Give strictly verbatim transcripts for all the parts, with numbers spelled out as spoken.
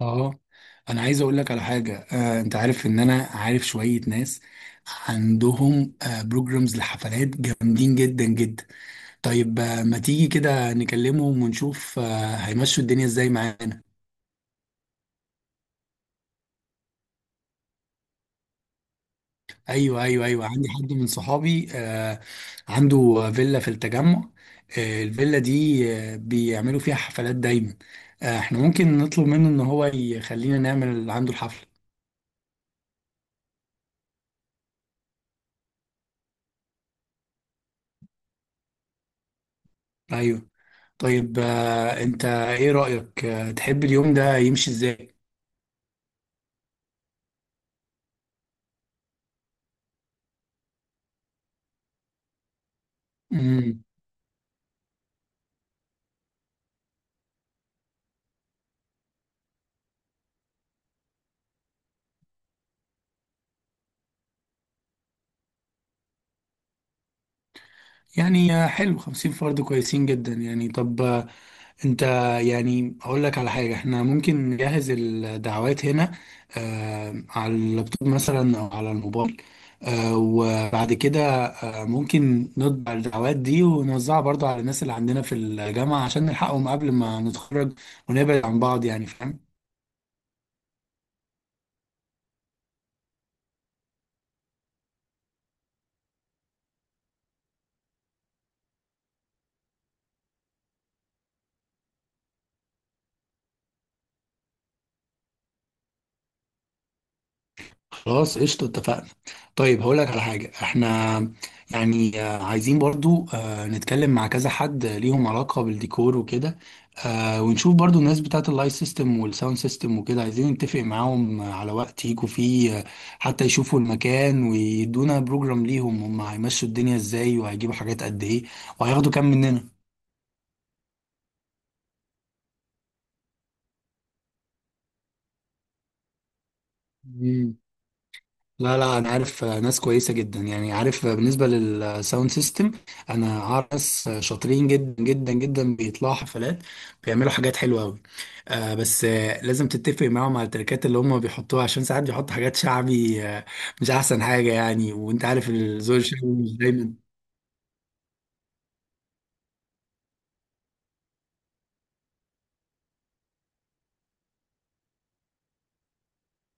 اه، انا عايز اقول لك على حاجه. آه، انت عارف ان انا عارف شويه ناس عندهم آه بروجرامز لحفلات جامدين جدا جدا. طيب، آه، ما تيجي كده نكلمهم ونشوف آه، هيمشوا الدنيا ازاي معانا؟ ايوه ايوه ايوه، عندي حد من صحابي آه، عنده فيلا في التجمع. آه، الفيلا دي آه، بيعملوا فيها حفلات دايما. آه، احنا ممكن نطلب منه ان هو يخلينا نعمل عنده الحفله. ايوه. طيب، آه، انت ايه رأيك؟ آه، تحب اليوم ده يمشي ازاي؟ امم يعني آه، حلو، خمسين فرد كويسين جدا يعني. طب، آه، انت، يعني اقول لك على حاجة. احنا ممكن نجهز الدعوات هنا، آه، على اللابتوب مثلا او على الموبايل. آه، وبعد كده آه، ممكن نطبع الدعوات دي ونوزعها برضو على الناس اللي عندنا في الجامعة، عشان نلحقهم قبل ما نتخرج ونبعد عن بعض، يعني فاهم. خلاص، قشطة، اتفقنا. طيب هقول لك على حاجة، احنا يعني آه، عايزين برضو آه، نتكلم مع كذا حد ليهم علاقة بالديكور وكده. آه، ونشوف برضو الناس بتاعت اللايت سيستم والساوند سيستم وكده، عايزين نتفق معاهم على وقت يجوا فيه آه، حتى يشوفوا المكان، ويدونا بروجرام ليهم هم هيمشوا الدنيا ازاي، وهيجيبوا حاجات قد ايه، وهياخدوا كام مننا. لا لا، انا عارف ناس كويسه جدا يعني. عارف بالنسبه للساوند سيستم، انا عارف ناس شاطرين جدا جدا جدا بيطلعوا حفلات، بيعملوا حاجات حلوه قوي. آه بس آه لازم تتفق معاهم على التركات اللي هم بيحطوها، عشان ساعات بيحطوا حاجات شعبي، آه مش احسن حاجه يعني. وانت عارف الذوق الشعبي مش دايما.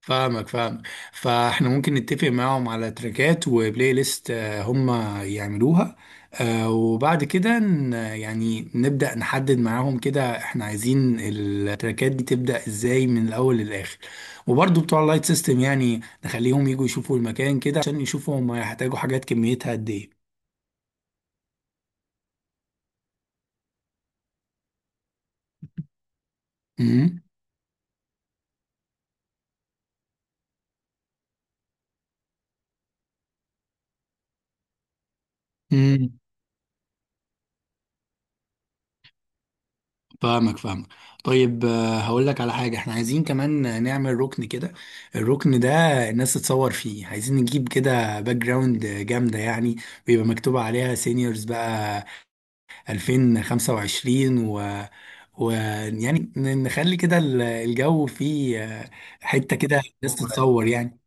فاهمك فاهمك. فاحنا ممكن نتفق معاهم على تراكات وبلاي ليست آه، هم يعملوها. آه، وبعد كده ن- يعني نبدأ نحدد معاهم كده، احنا عايزين التراكات دي تبدأ ازاي من الاول للاخر. وبرضو بتوع اللايت سيستم، يعني نخليهم يجوا يشوفوا المكان كده، عشان يشوفوا هم هيحتاجوا حاجات كميتها قد ايه. مم. مم. فاهمك فاهمك. طيب، آه، هقول لك على حاجة. احنا عايزين كمان نعمل ركن كده. الركن ده الناس تتصور فيه. عايزين نجيب كده باك جراوند جامدة يعني، ويبقى مكتوب عليها سينيورز بقى ألفين وخمسة وعشرين، و و يعني نخلي كده ال- الجو فيه آه، حتة كده الناس تتصور يعني.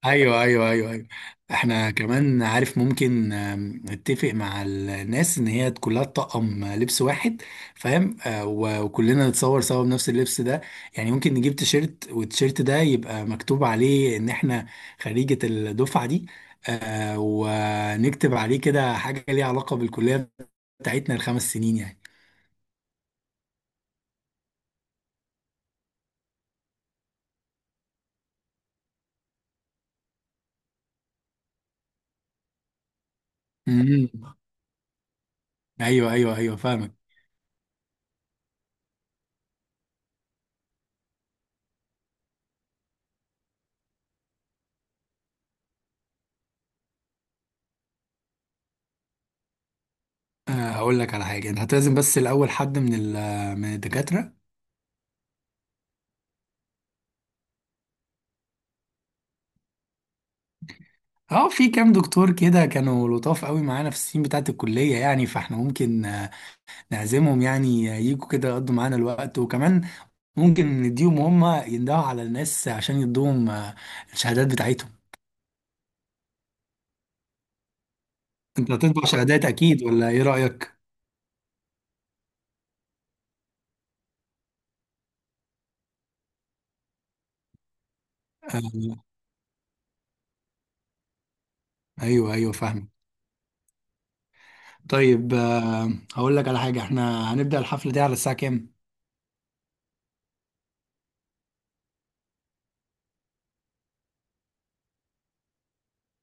ايوه ايوه ايوه ايوه. احنا كمان عارف ممكن آم، نتفق مع الناس ان هي كلها تطقم لبس واحد، فاهم؟ آه، و- وكلنا نتصور سوا بنفس اللبس ده. يعني ممكن نجيب تيشيرت، والتيشيرت ده يبقى مكتوب عليه ان احنا خريجة الدفعة دي. آه، ونكتب عليه كده حاجة ليها علاقة بالكلية بتاعتنا الخمس سنين يعني. امم. ايوه ايوه ايوه فاهمك. آه، هقول لك على حاجة، انت هتلازم بس الاول حد من ال- من الدكاترة. اه، في كام دكتور كده كانوا لطاف قوي معانا في السنين بتاعه الكليه يعني. فاحنا ممكن آه، نعزمهم يعني، آه، يجوا كده يقضوا معانا الوقت. وكمان ممكن نديهم، هم يندهوا على الناس عشان يدوهم آه، الشهادات بتاعتهم. انت هتطبع شهادات اكيد، ولا ايه رايك؟ آه، ايوه ايوه فاهم. طيب، آه، هقول لك على حاجه، احنا هنبدا الحفله دي على الساعه كام؟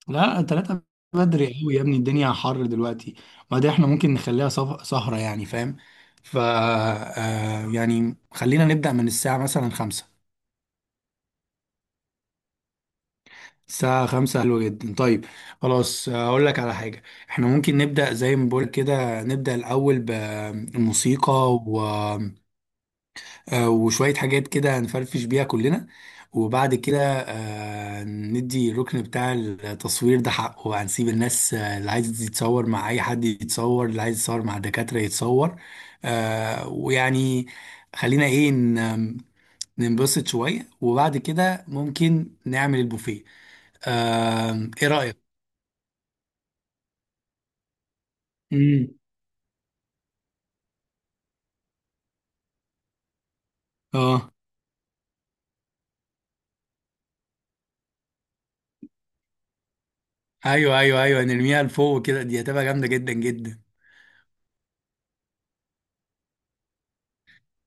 لا، تلاتة بدري قوي يا ابني، الدنيا حر دلوقتي. وبعدين احنا ممكن نخليها صف- سهرة يعني، فاهم. ف آه، يعني خلينا نبدأ من الساعة مثلا خمسة. الساعة خمسة حلوة جدا. طيب، خلاص. آه، أقول لك على حاجة، احنا ممكن نبدأ زي ما بقول كده. نبدأ الأول بالموسيقى آه، وشوية حاجات كده هنفرفش بيها كلنا. وبعد كده آه، ندي الركن بتاع التصوير ده حقه بقى، نسيب الناس آه، اللي عايز يتصور مع أي حد يتصور، اللي عايز يتصور مع الدكاترة يتصور. آه، ويعني خلينا إيه ن- ننبسط شوية، وبعد كده ممكن نعمل البوفيه. آه، إيه رأيك؟ مم. اه، ايوه ايوه ايوه، نرميها لفوق كده، دي هتبقى جامده جدا جدا.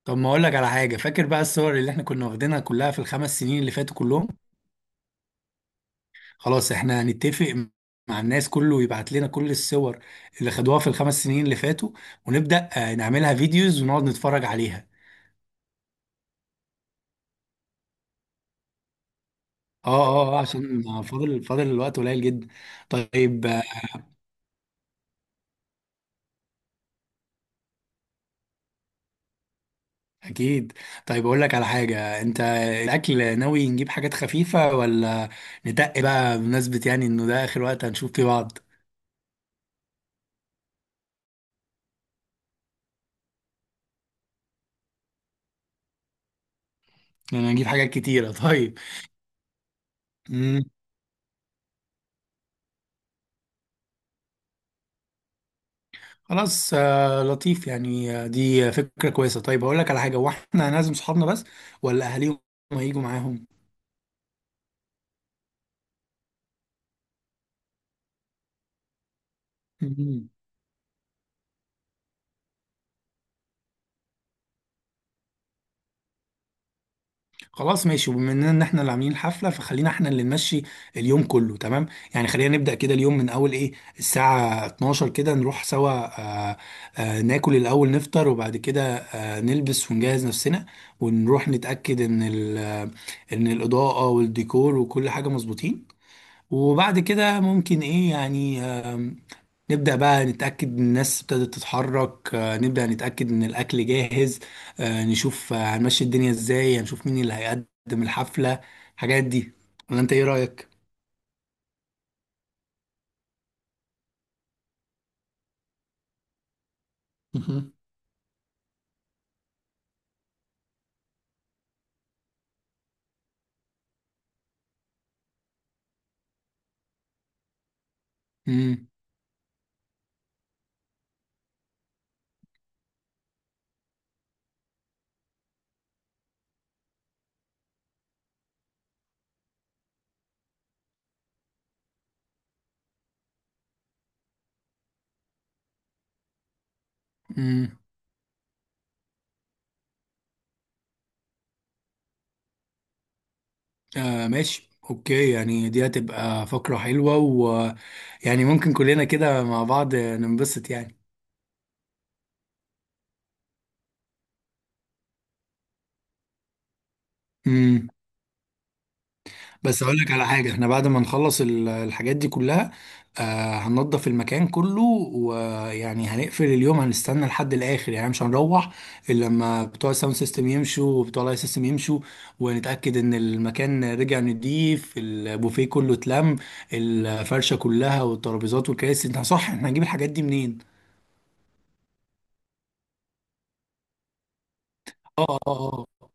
طب ما اقول لك على حاجه، فاكر بقى الصور اللي احنا كنا واخدينها كلها في الخمس سنين اللي فاتوا كلهم؟ خلاص، احنا هنتفق مع الناس كله يبعت لنا كل الصور اللي خدوها في الخمس سنين اللي فاتوا، ونبدا آه، نعملها فيديوز ونقعد نتفرج عليها. اه اه، آه، عشان فاضل فاضل الوقت قليل جدا. طيب، آه، اكيد. طيب اقول لك على حاجه، انت الاكل ناوي نجيب حاجات خفيفه، ولا ندق بقى بمناسبه يعني انه ده اخر وقت هنشوف فيه بعض؟ يعني هنجيب حاجات كتيره. طيب، خلاص. آه، لطيف يعني. آه، دي فكرة كويسة. طيب هقول لك على حاجة، هو احنا هنعزم صحابنا بس، ولا أهاليهم هيجوا معاهم؟ مم. خلاص ماشي، وبما اننا ان احنا اللي عاملين الحفلة، فخلينا احنا اللي نمشي اليوم كله، تمام؟ يعني خلينا نبدأ كده اليوم من أول إيه، الساعة اتناشر كده نروح سوا. آه آه ناكل الأول نفطر، وبعد كده آه نلبس ونجهز نفسنا، ونروح نتأكد إن ال- آه، إن الإضاءة والديكور وكل حاجة مظبوطين. وبعد كده ممكن ايه يعني، آم، نبدأ بقى نتأكد ان الناس ابتدت تتحرك. آه، نبدأ نتأكد ان الأكل جاهز. آه، نشوف آه، هنمشي الدنيا ازاي، هنشوف مين اللي هيقدم الحفلة، الحاجات دي. ولا انت ايه رأيك؟ مهم. امم امم آه ماشي اوكي، يعني دي هتبقى فقرة حلوة، ويعني ممكن كلنا كده مع بعض ننبسط يعني. بس اقول لك على حاجه، احنا بعد ما نخلص ال- الحاجات دي كلها آه هننضف المكان كله. ويعني هنقفل اليوم، هنستنى لحد الاخر يعني، مش هنروح الا لما بتوع الساوند سيستم يمشوا وبتوع اللايت سيستم يمشوا، ونتاكد ان المكان رجع نضيف، البوفيه كله اتلم، الفرشه كلها والترابيزات والكراسي. انت صح، احنا هنجيب الحاجات دي منين؟ اه اه، آه، آه.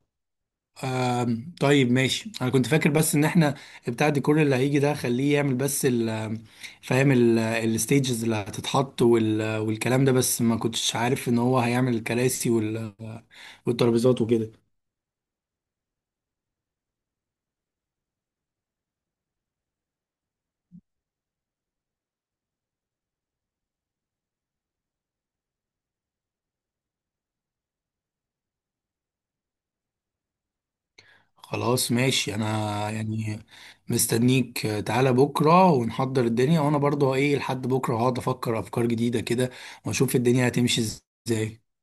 آم، طيب ماشي، انا كنت فاكر بس ان احنا بتاع الديكور اللي هيجي ده خليه يعمل بس ال فاهم، الستيجز اللي هتتحط وال والكلام ده. بس ما كنتش عارف ان هو هيعمل الكراسي وال والترابيزات وكده. خلاص ماشي، انا يعني مستنيك. تعالى بكرة ونحضر الدنيا، وانا برضو ايه لحد بكرة هقعد افكر افكار جديدة كده، واشوف الدنيا هتمشي ازاي.